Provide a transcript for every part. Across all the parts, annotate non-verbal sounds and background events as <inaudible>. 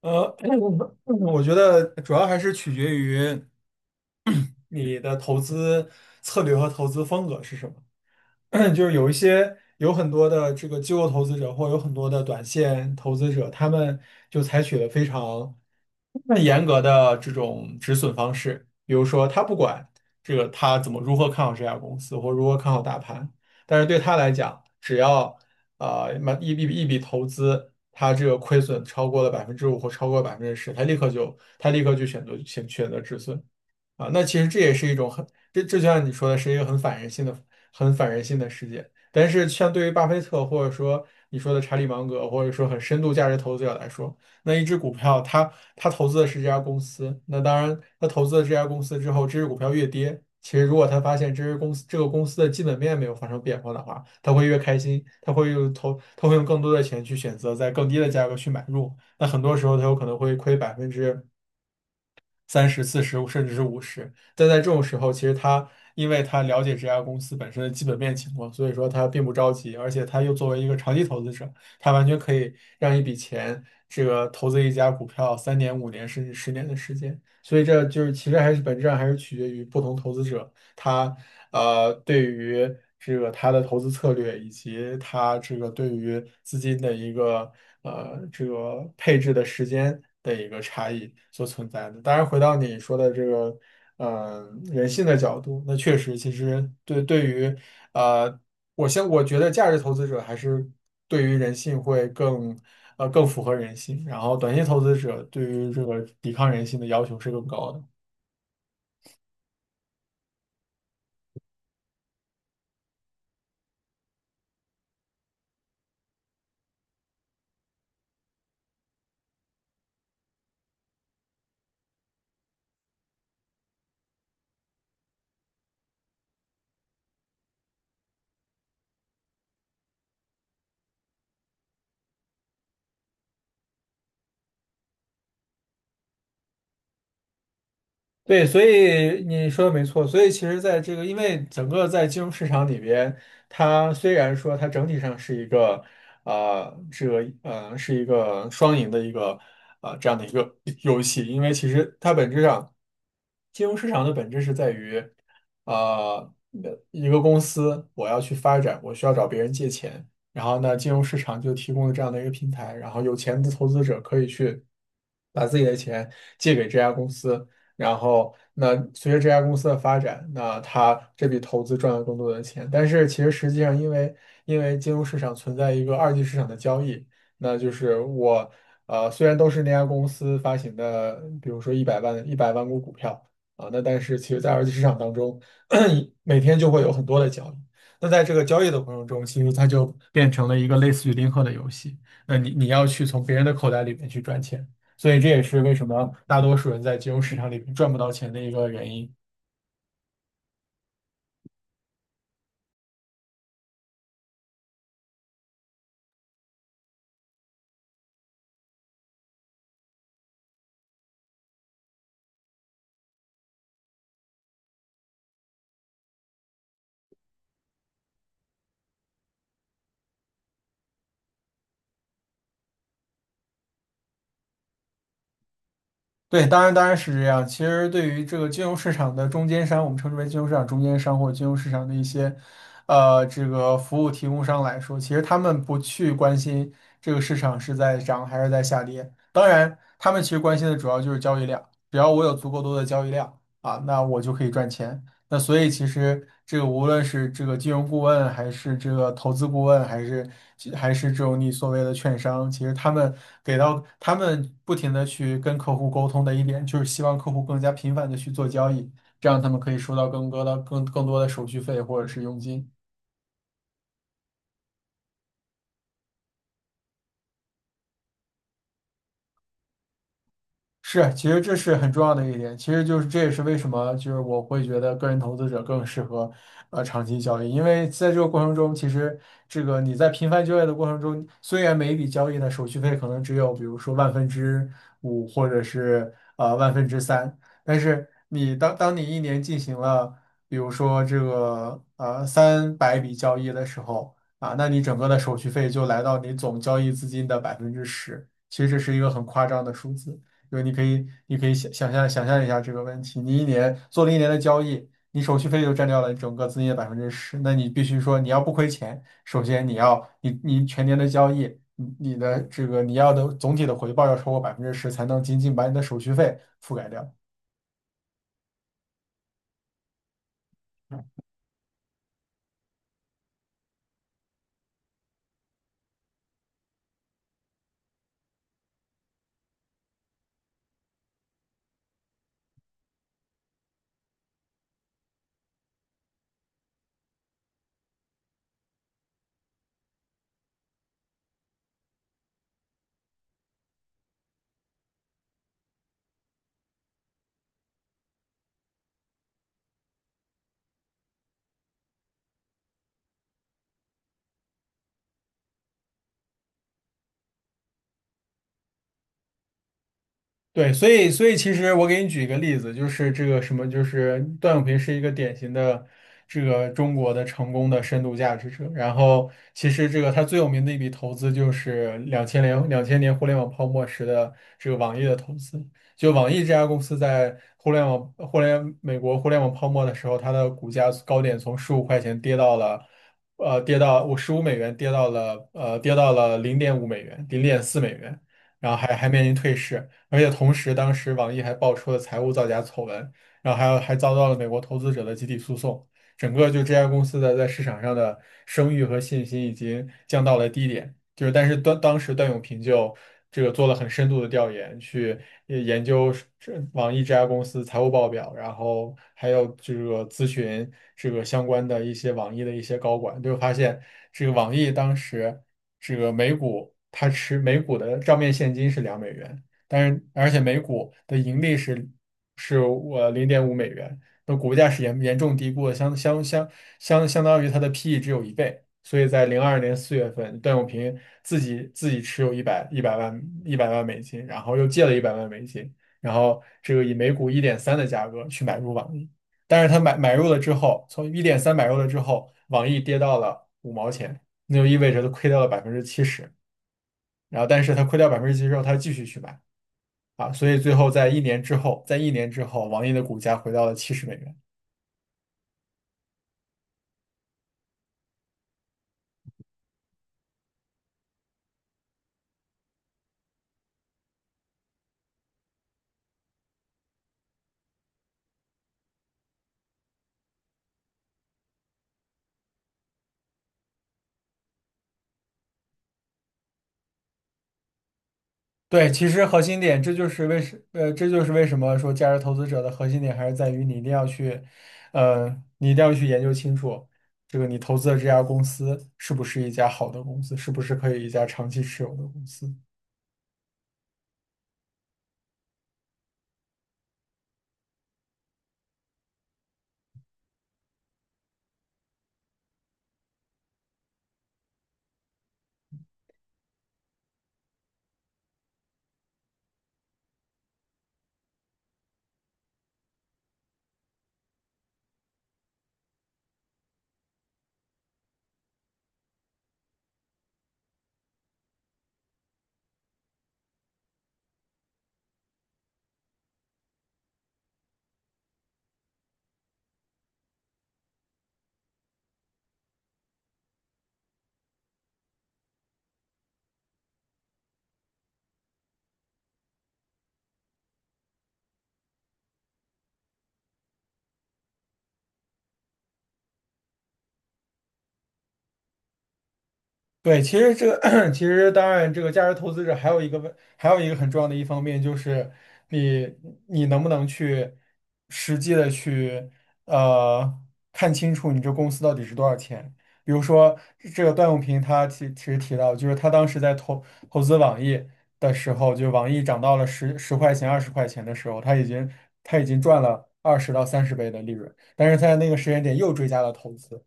呃，<clears throat> 我觉得主要还是取决于 <clears throat> 你的投资策略和投资风格是什么。<clears throat> 就是有一些有很多的这个机构投资者，或有很多的短线投资者，他们就采取了非常严格的这种止损方式，比如说他不管这个他如何看好这家公司，或如何看好大盘，但是对他来讲，只要买一笔投资，他这个亏损超过了5%或超过百分之十，他立刻就选择选择止损啊。那其实这也是一种这就像你说的是一个很反人性的世界。但是像对于巴菲特或者说你说的查理芒格或者说很深度价值投资者来说，那一只股票，他投资的是这家公司，那当然，他投资了这家公司之后，这只股票越跌，其实如果他发现这个公司的基本面没有发生变化的话，他会越开心，他会用更多的钱去选择在更低的价格去买入。那很多时候，他有可能会亏30%、40%，甚至是50%。但在这种时候，其实因为他了解这家公司本身的基本面情况，所以说他并不着急，而且他又作为一个长期投资者，他完全可以让一笔钱投资一家股票3年、5年甚至10年的时间。所以这就是其实还是本质上还是取决于不同投资者。他对于这个他的投资策略以及他对于资金的一个配置的时间的一个差异所存在的。当然，回到你说的这个人性的角度，那确实，其实对于呃，我觉得价值投资者还是对于人性会更。更符合人性，然后短线投资者对于这个抵抗人性的要求是更高的。对，所以你说的没错。所以其实，在这个，因为整个在金融市场里边，它虽然说它整体上是一个，是一个双赢的一个，这样的一个游戏。因为其实它本质上，金融市场的本质是在于，呃，一个公司我要去发展，我需要找别人借钱，然后呢，金融市场就提供了这样的一个平台，然后有钱的投资者可以去把自己的钱借给这家公司。然后那随着这家公司的发展，那他这笔投资赚了更多的钱。但是其实实际上，因为金融市场存在一个二级市场的交易，那就是我虽然都是那家公司发行的，比如说一百万股股票啊，那但是其实在二级市场当中，<coughs> <clears throat> 每天就会有很多的交易。那在这个交易的过程中，其实它就变成了一个类似于零和的游戏。那你要去从别人的口袋里面去赚钱。所以这也是为什么大多数人在金融市场里面赚不到钱的一个原因。对，当然当然是这样。其实对于这个金融市场的中间商，我们称之为金融市场中间商或者金融市场的一些，这个服务提供商来说，其实他们不去关心这个市场是在涨还是在下跌。当然，他们其实关心的主要就是交易量，只要我有足够多的交易量啊，那我就可以赚钱。那所以其实这个无论是这个金融顾问，还是这个投资顾问，还是这种你所谓的券商，其实他们他们不停的去跟客户沟通的一点，就是希望客户更加频繁的去做交易，这样他们可以收到更多的手续费或者是佣金。是，其实这是很重要的一点，其实就是这也是为什么就是我会觉得个人投资者更适合长期交易，因为在这个过程中，其实这个你在频繁交易的过程中，虽然每一笔交易的手续费可能只有比如说万分之五或者是万分之三，但是你当你一年进行了比如说这个300笔交易的时候啊，那你整个的手续费就来到你总交易资金的百分之十，其实这是一个很夸张的数字。对，你可以想象一下这个问题。你一年做了一年的交易，你手续费就占掉了整个资金的百分之十，那你必须说你要不亏钱，首先你全年的交易，你的你要的总体的回报要超过百分之十，才能仅仅把你的手续费覆盖掉。对，所以其实我给你举一个例子，就是这个什么，就是段永平是一个典型的中国的成功的深度价值者。然后其实这个他最有名的一笔投资就是两千年互联网泡沫时的网易的投资。就网易这家公司在互联网互联美国互联网泡沫的时候，它的股价高点从15块跌到了。跌到我15美元，跌到了零点五美元，0.4美元，然后还面临退市。而且同时，当时网易还爆出了财务造假丑闻，然后还遭到了美国投资者的集体诉讼，整个就这家公司的在市场上的声誉和信心已经降到了低点。就是，但是当时段永平就这个做了很深度的调研，去研究网易这家公司财务报表，然后还有这个咨询这个相关的一些网易的一些高管，就发现这个网易当时这个每股每股的账面现金是2美元。但是而且每股的盈利是零点五美元，那股价是严重低估的，相当于它的 PE 只有一倍。所以在02年4月份，段永平自己持有一百万美金，然后又借了一百万美金，然后以每股一点三的价格去买入网易。但是他买入了之后，从一点三买入了之后，网易跌到了五毛钱，那就意味着他亏掉了百分之七十。然后，但是他亏掉百分之七十之后，他继续去买。啊，所以最后在一年之后，网易的股价回到了70美元。对，其实核心点，这就是为什么说价值投资者的核心点还是在于呃，你一定要去研究清楚，这个你投资的这家公司是不是一家好的公司，是不是可以一家长期持有的公司。对，其实<clears throat> 其实当然，这个价值投资者还有一个很重要的一方面就是你，你能不能去实际的去呃看清楚你这公司到底是多少钱？比如说段永平他其实提到，就是他当时在投资网易的时候，就网易涨到了十块钱、20块的时候，他已经赚了20到30倍的利润，但是在那个时间点又追加了投资。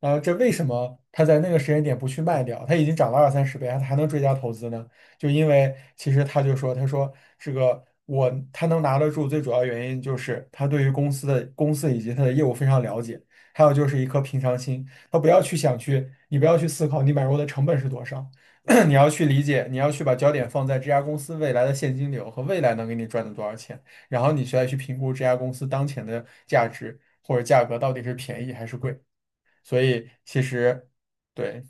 然后这为什么他在那个时间点不去卖掉？他已经涨了二三十倍，他还能追加投资呢？就因为其实他就说，他说这个我他能拿得住，最主要原因就是他对于公司以及他的业务非常了解，还有就是一颗平常心，他不要去想去，你不要去思考你买入的成本是多少，<clears throat> 你要去理解，你要去把焦点放在这家公司未来的现金流和未来能给你赚的多少钱，然后你再去评估这家公司当前的价值或者价格到底是便宜还是贵。所以其实对，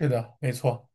是的，没错。